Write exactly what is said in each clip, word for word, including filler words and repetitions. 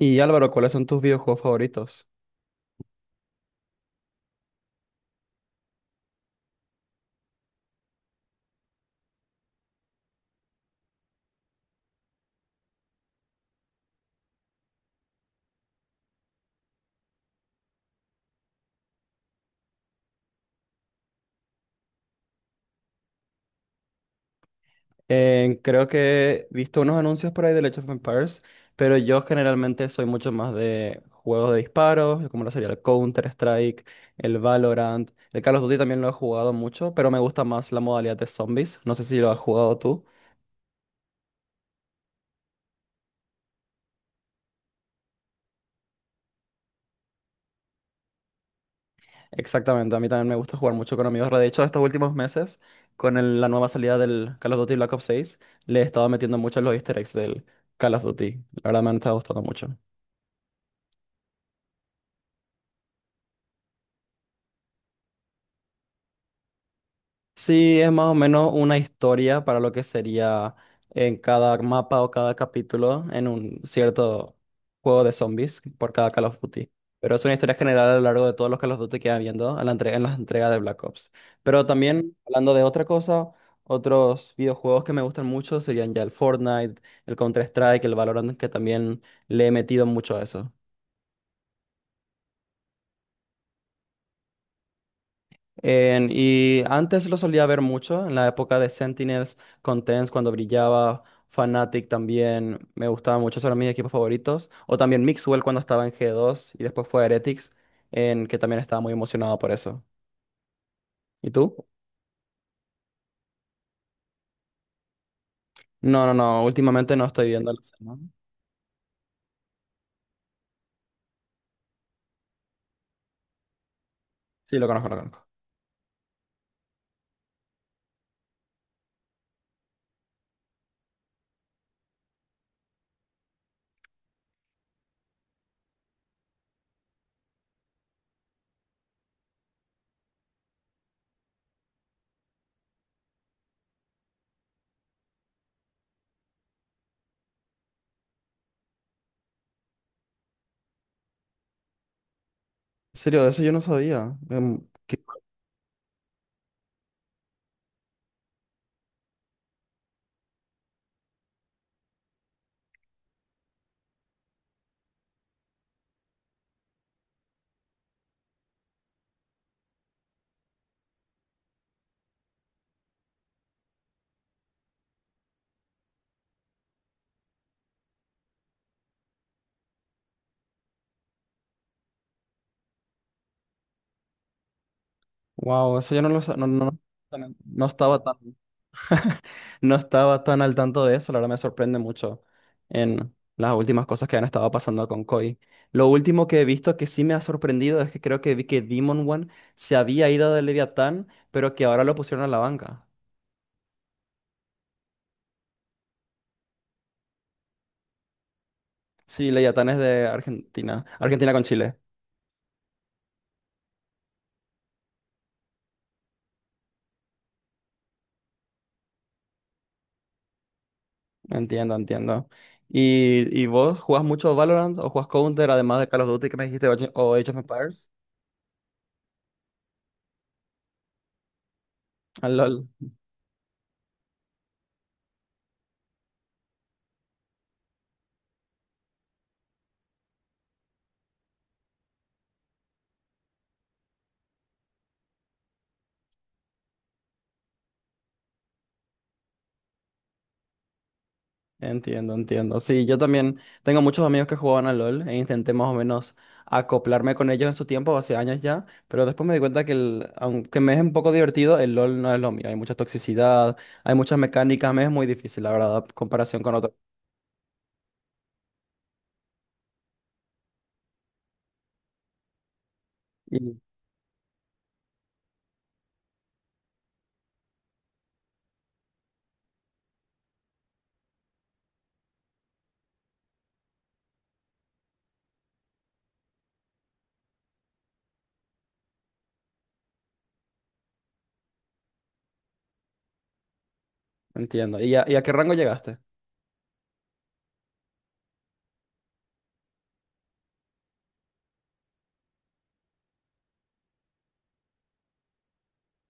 Y Álvaro, ¿cuáles son tus videojuegos favoritos? Eh, creo que he visto unos anuncios por ahí de Age of Empires, pero yo generalmente soy mucho más de juegos de disparos, como lo sería el Counter-Strike, el Valorant. El Call of Duty también lo he jugado mucho, pero me gusta más la modalidad de zombies. No sé si lo has jugado tú. Exactamente, a mí también me gusta jugar mucho con amigos. De hecho, estos últimos meses, con el- la nueva salida del Call of Duty Black Ops seis, le he estado metiendo mucho en los easter eggs del Call of Duty. La verdad me han estado gustando mucho. Sí, es más o menos una historia para lo que sería en cada mapa o cada capítulo en un cierto juego de zombies por cada Call of Duty. Pero es una historia general a lo largo de todos los Call of Duty que van viendo a la entre- en las entregas de Black Ops. Pero también, hablando de otra cosa, otros videojuegos que me gustan mucho serían ya el Fortnite, el Counter-Strike, el Valorant, que también le he metido mucho a eso. En- y antes lo solía ver mucho, en la época de Sentinels, con cuando brillaba. Fnatic también me gustaba mucho, son mis equipos favoritos. O también Mixwell cuando estaba en G dos y después fue a Heretics, en que también estaba muy emocionado por eso. ¿Y tú? No, no, no, últimamente no estoy viendo a Lucero. Sí, lo conozco, lo conozco. En serio, de eso yo no sabía. Em, qué- Wow, eso yo no lo sabía, no, no, no no estaba tan. No estaba tan al tanto de eso, la verdad me sorprende mucho en las últimas cosas que han estado pasando con Koi. Lo último que he visto que sí me ha sorprendido es que creo que vi que Demon One se había ido de Leviatán, pero que ahora lo pusieron a la banca. Sí, Leviatán es de Argentina, Argentina con Chile. Entiendo, entiendo. ¿Y, y vos jugás mucho Valorant o jugás Counter además de Call of Duty que me dijiste o Age o Age of Empires? Ah, LOL. Entiendo, entiendo. Sí, yo también tengo muchos amigos que jugaban al LOL e intenté más o menos acoplarme con ellos en su tiempo, hace años ya, pero después me di cuenta que el- aunque me es un poco divertido, el LOL no es lo mío. Hay mucha toxicidad, hay muchas mecánicas, me es muy difícil, la verdad, en comparación con otros. Y- Entiendo. ¿Y a, y a qué rango llegaste?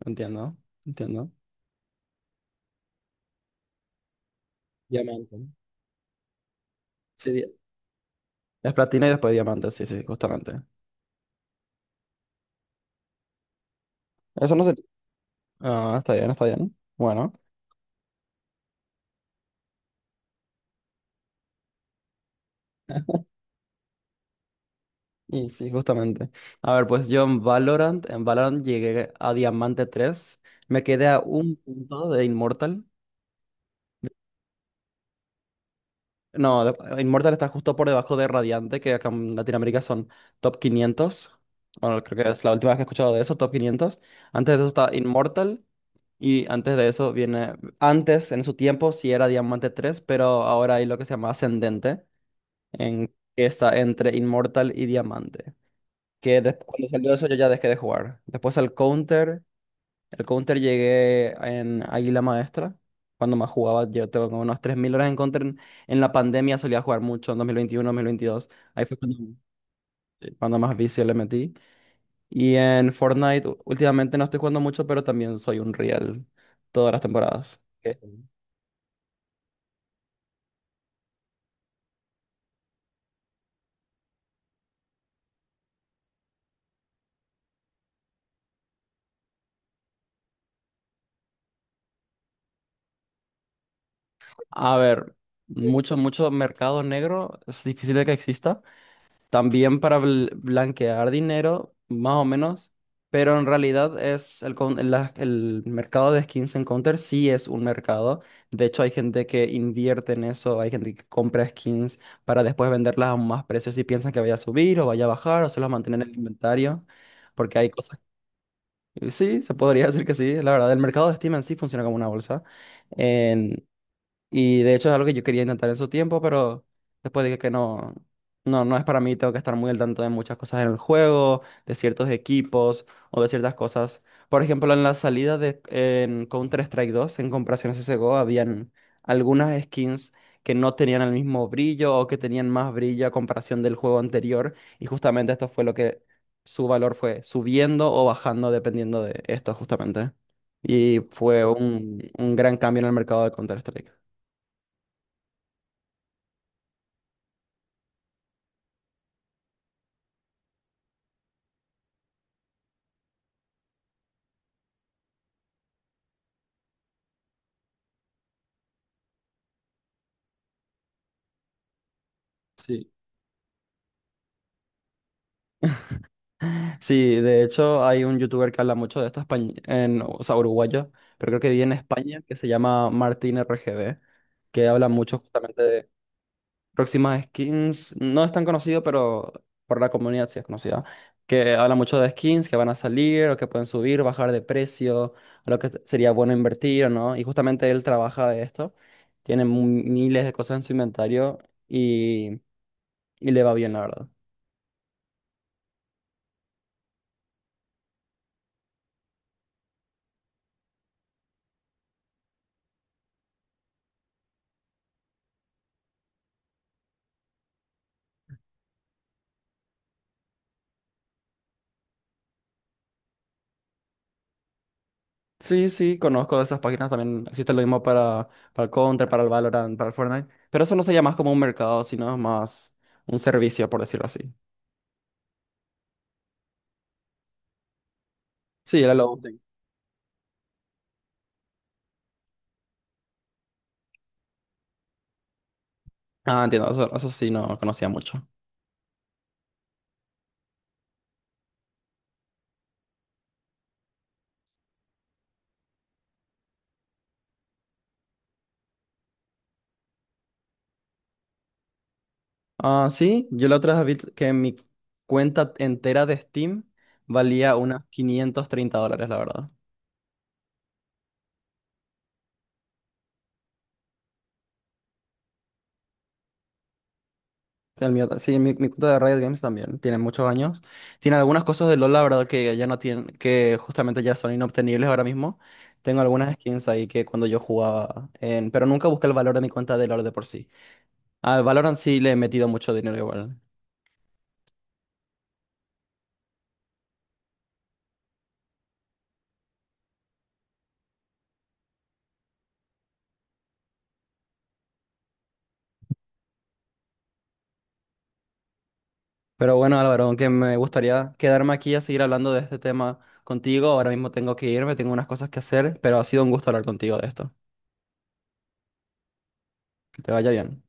Entiendo, entiendo. Diamante. Sí, di- es platina y después diamante, sí, sí, justamente. Eso no sé. Ah, está bien, está bien. Bueno. Y sí, justamente. A ver, pues yo en Valorant, en Valorant llegué a Diamante tres. Me quedé a un punto de Immortal. No, de- Immortal está justo por debajo de Radiante, que acá en Latinoamérica son top quinientos. Bueno, creo que es la última vez que he escuchado de eso, top quinientos. Antes de eso está Immortal. Y antes de eso viene, antes en su tiempo sí era Diamante tres pero ahora hay lo que se llama Ascendente, en, que está entre Inmortal y Diamante. Que después, cuando salió eso yo ya dejé de jugar. Después al Counter, el Counter llegué en Águila Maestra, cuando más jugaba, yo tengo como unas tres mil horas en Counter. En, en la pandemia solía jugar mucho, en dos dos mil veintiuno, dos mil veintidós, ahí fue cuando, eh, cuando más vicio le metí. Y en Fortnite, u- últimamente no estoy jugando mucho, pero también soy un real todas las temporadas. Ok. A ver, mucho, mucho mercado negro, es difícil de que exista. También para bl- blanquear dinero, más o menos, pero en realidad es el, con- la- el mercado de skins en Counter sí es un mercado. De hecho, hay gente que invierte en eso, hay gente que compra skins para después venderlas a más precios y piensan que vaya a subir o vaya a bajar o se los mantienen en el inventario, porque hay cosas. Sí, se podría decir que sí. La verdad, el mercado de Steam en sí funciona como una bolsa. Y de hecho es algo que yo quería intentar en su tiempo, pero después dije que no, no, no es para mí, tengo que estar muy al tanto de muchas cosas en el juego, de ciertos equipos o de ciertas cosas. Por ejemplo, en la salida de en Counter-Strike dos en comparación a C S G O, habían algunas skins que no tenían el mismo brillo o que tenían más brillo a comparación del juego anterior. Y justamente esto fue lo que su valor fue subiendo o bajando dependiendo de esto justamente. Y fue un, un gran cambio en el mercado de Counter-Strike. Sí. Sí, de hecho hay un youtuber que habla mucho de esto, españ- en, o sea, uruguayo, pero creo que vive en España, que se llama Martín R G B, que habla mucho justamente de próximas skins. No es tan conocido, pero por la comunidad sí es conocida. Que habla mucho de skins que van a salir o que pueden subir, bajar de precio, a lo que t- sería bueno invertir o no. Y justamente él trabaja de esto, tiene mu- miles de cosas en su inventario y, y le va bien, la verdad. Sí, sí, conozco de esas páginas también. Existe lo mismo para, para el Counter, para el Valorant, para el Fortnite. Pero eso no sería más como un mercado, sino es más un servicio, por decirlo así. Sí, era lo útil. Ah, entiendo, eso, eso sí no conocía mucho. Ah, sí, yo la otra vez vi que mi cuenta entera de Steam valía unas quinientos treinta dólares, la verdad. El mío ta- sí, mi, mi cuenta de Riot Games también tiene muchos años. Tiene algunas cosas de LoL, la verdad, que ya no tienen, que justamente ya son inobtenibles ahora mismo. Tengo algunas skins ahí que cuando yo jugaba, en, pero nunca busqué el valor de mi cuenta de LoL de por sí. Al Valorant sí le he metido mucho dinero igual. Pero bueno, Álvaro, aunque me gustaría quedarme aquí a seguir hablando de este tema contigo, ahora mismo tengo que irme, tengo unas cosas que hacer, pero ha sido un gusto hablar contigo de esto. Que te vaya bien.